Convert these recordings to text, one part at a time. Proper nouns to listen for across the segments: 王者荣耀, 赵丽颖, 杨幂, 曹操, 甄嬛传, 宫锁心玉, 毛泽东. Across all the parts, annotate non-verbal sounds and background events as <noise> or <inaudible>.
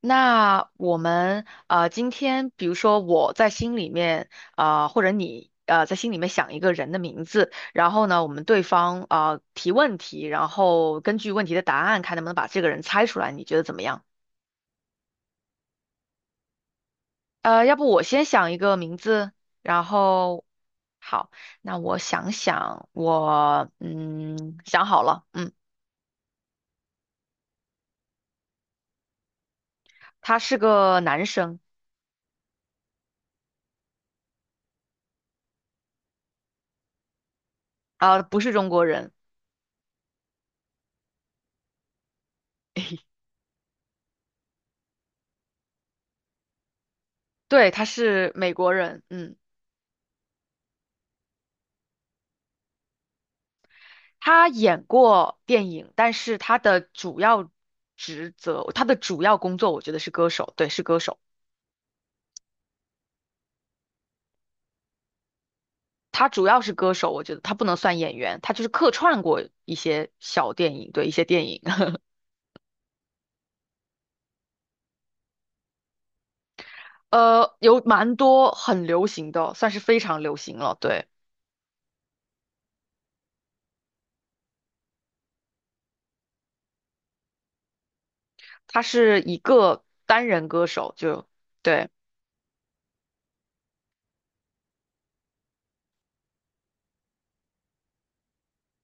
那我们今天比如说我在心里面或者你在心里面想一个人的名字，然后呢，我们对方提问题，然后根据问题的答案看能不能把这个人猜出来，你觉得怎么样？要不我先想一个名字，然后好，那我想想，我想好了，嗯，他是个男生。不是中国人。对，他是美国人，嗯。他演过电影，但是他的主要职责，他的主要工作，我觉得是歌手，对，是歌手。他主要是歌手，我觉得他不能算演员，他就是客串过一些小电影，对，一些电影，<laughs> 有蛮多很流行的，算是非常流行了。对，他是一个单人歌手，就对，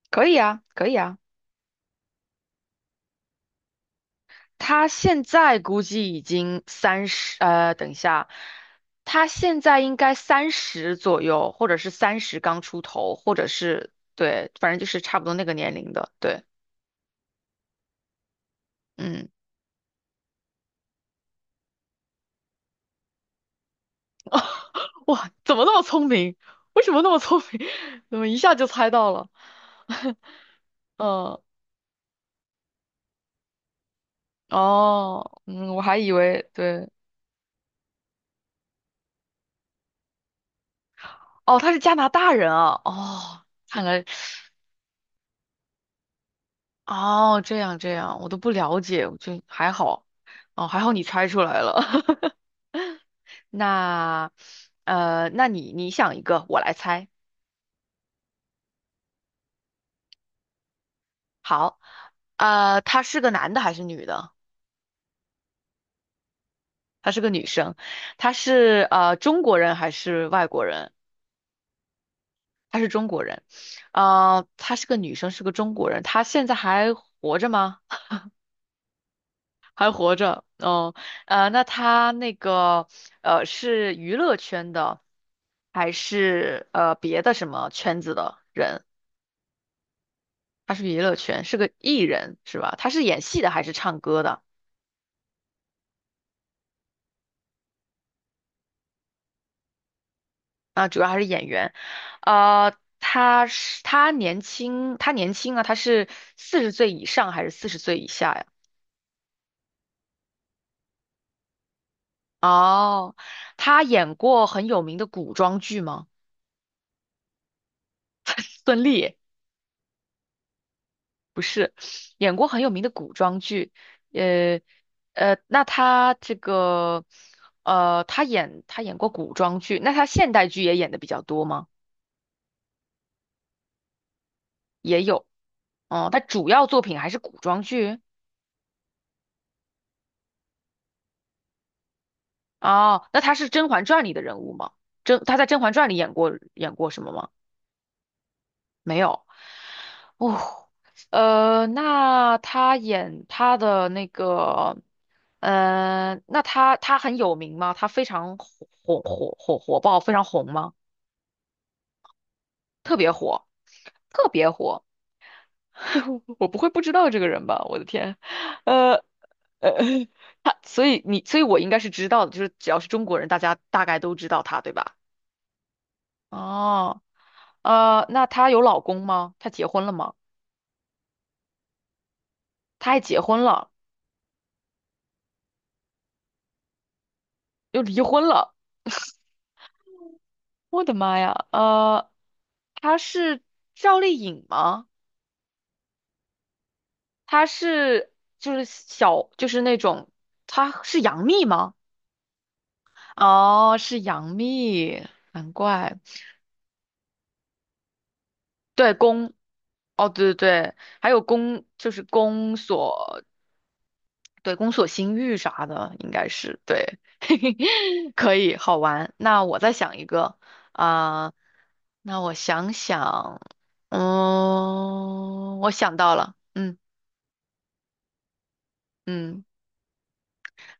可以啊，可以啊。他现在估计已经三十，等一下，他现在应该三十左右，或者是三十刚出头，或者是对，反正就是差不多那个年龄的。对，嗯，哇，怎么那么聪明？为什么那么聪明？<laughs> 怎么一下就猜到了？<laughs> 嗯，哦，嗯，我还以为对，哦，他是加拿大人啊，哦，看来，哦，这样这样，我都不了解，我就还好，哦，还好你猜出来了，那那你想一个，我来猜。好，他是个男的还是女的？她是个女生，她是中国人还是外国人？她是中国人。她是个女生，是个中国人。她现在还活着吗？还活着，嗯，那她那个是娱乐圈的，还是别的什么圈子的人？她是娱乐圈，是个艺人是吧？她是演戏的还是唱歌的？主要还是演员，呃，他是他年轻啊，他是四十岁以上还是四十岁以下呀？哦，他演过很有名的古装剧吗？孙俪不是，演过很有名的古装剧，呃那他这个他演演过古装剧，那他现代剧也演的比较多吗？也有，哦，他主要作品还是古装剧。哦，那他是《甄嬛传》里的人物吗？甄，他在《甄嬛传》里演过什么吗？没有。哦，那他演他的那个，那他很有名吗？他非常火火爆，非常红吗？特别火，特别火。<laughs> 我不会不知道这个人吧？我的天，呃呃，他，所以你，所以我应该是知道的，就是只要是中国人，大家大概都知道他，对吧？哦。那她有老公吗？她结婚了吗？她还结婚了，又离婚了。我的妈呀！她是赵丽颖吗？她是就是小就是那种，她是杨幂吗？哦，是杨幂，难怪。对，宫，哦，对对对，还有宫，就是宫锁，对，宫锁心玉啥的，应该是对，<laughs> 可以好玩。那我再想一个啊、那我想想，嗯，我想到了，嗯，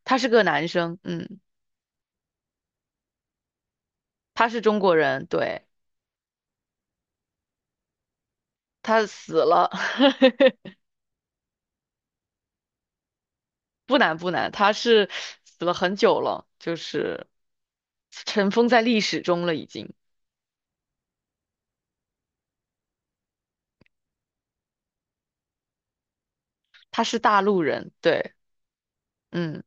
他是个男生，嗯，他是中国人，对，他死了，<laughs> 不难不难，他是死了很久了，就是尘封在历史中了，已经，他是大陆人，对，嗯。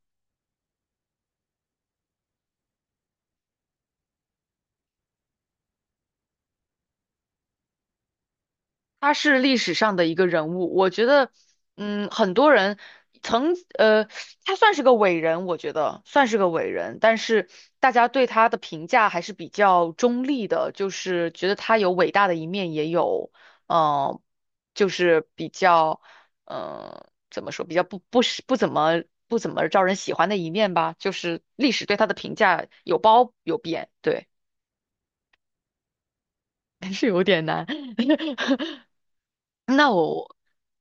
他是历史上的一个人物，我觉得，嗯，很多人曾，他算是个伟人，我觉得算是个伟人，但是大家对他的评价还是比较中立的，就是觉得他有伟大的一面，也有，呃，就是比较，怎么说，比较不怎么招人喜欢的一面吧，就是历史对他的评价有褒有贬，对，<laughs> 但是有点难。<laughs> 那我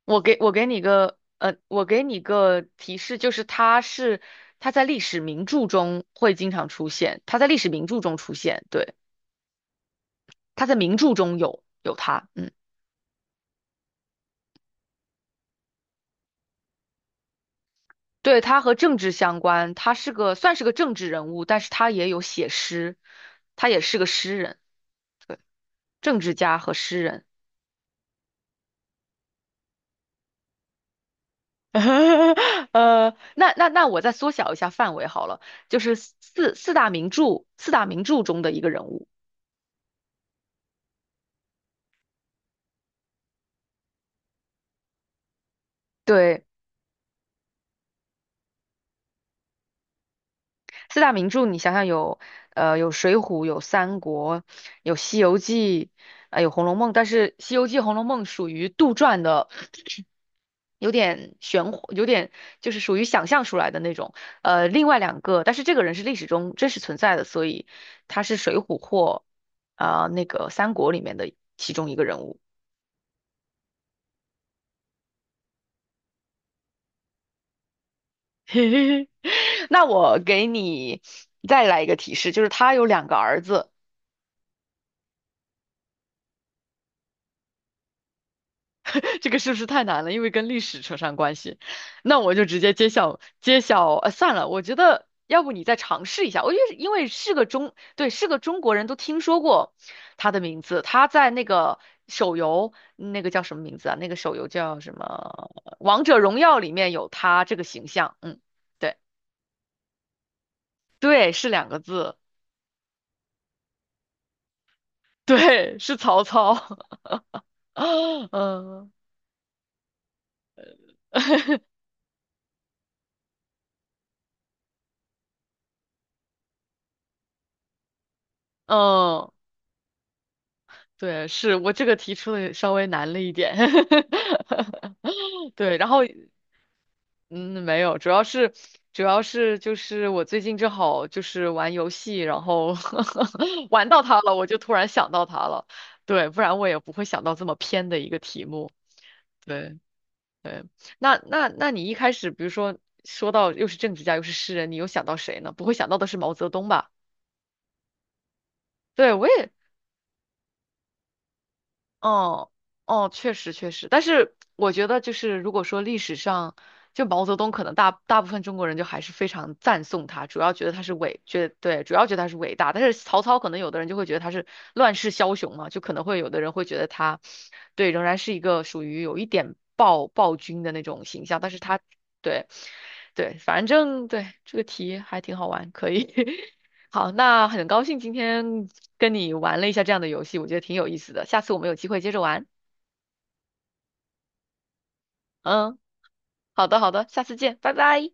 我给你个我给你个提示，就是他在历史名著中会经常出现，他在历史名著中出现，对，他在名著中有他，嗯，对，他和政治相关，他是算是个政治人物，但是他也有写诗，他也是个诗人，对，政治家和诗人。<laughs> 那我再缩小一下范围好了，就是四大名著中的一个人物，对。四大名著，你想想有，有《水浒》，有《三国》，有《西游记》，有《红楼梦》。但是《西游记》《红楼梦》属于杜撰的，有点玄乎，有点就是属于想象出来的那种。另外两个，但是这个人是历史中真实存在的，所以他是《水浒》或那个《三国》里面的其中一个人物。<laughs> 嘿嘿嘿，那我给你再来一个提示，就是他有两个儿子。这个是不是太难了？因为跟历史扯上关系，那我就直接揭晓。算了，我觉得要不你再尝试一下。我觉得因为是个中，对，是个中国人都听说过他的名字。他在那个手游，那个叫什么名字啊？那个手游叫什么？《王者荣耀》里面有他这个形象。嗯，对对，是两个字，<laughs> 对，是曹操。<laughs> 嗯嗯，对，是我这个提出的稍微难了一点。<laughs> 对，然后嗯，没有，主要是就是我最近正好就是玩游戏，然后 <laughs> 玩到它了，我就突然想到它了。对，不然我也不会想到这么偏的一个题目。对对，那你一开始，比如说说到又是政治家又是诗人，你又想到谁呢？不会想到的是毛泽东吧？对，我也哦哦，确实确实，但是我觉得就是如果说历史上，就毛泽东可能大部分中国人就还是非常赞颂他，主要觉得他是伟，觉对，主要觉得他是伟大。但是曹操可能有的人就会觉得他是乱世枭雄嘛，就可能会有的人会觉得他，对，仍然是一个属于有一点暴君的那种形象，但是他对对，反正对这个题还挺好玩，可以 <laughs> 好，那很高兴今天跟你玩了一下这样的游戏，我觉得挺有意思的。下次我们有机会接着玩。嗯，好的，好的，下次见，拜拜。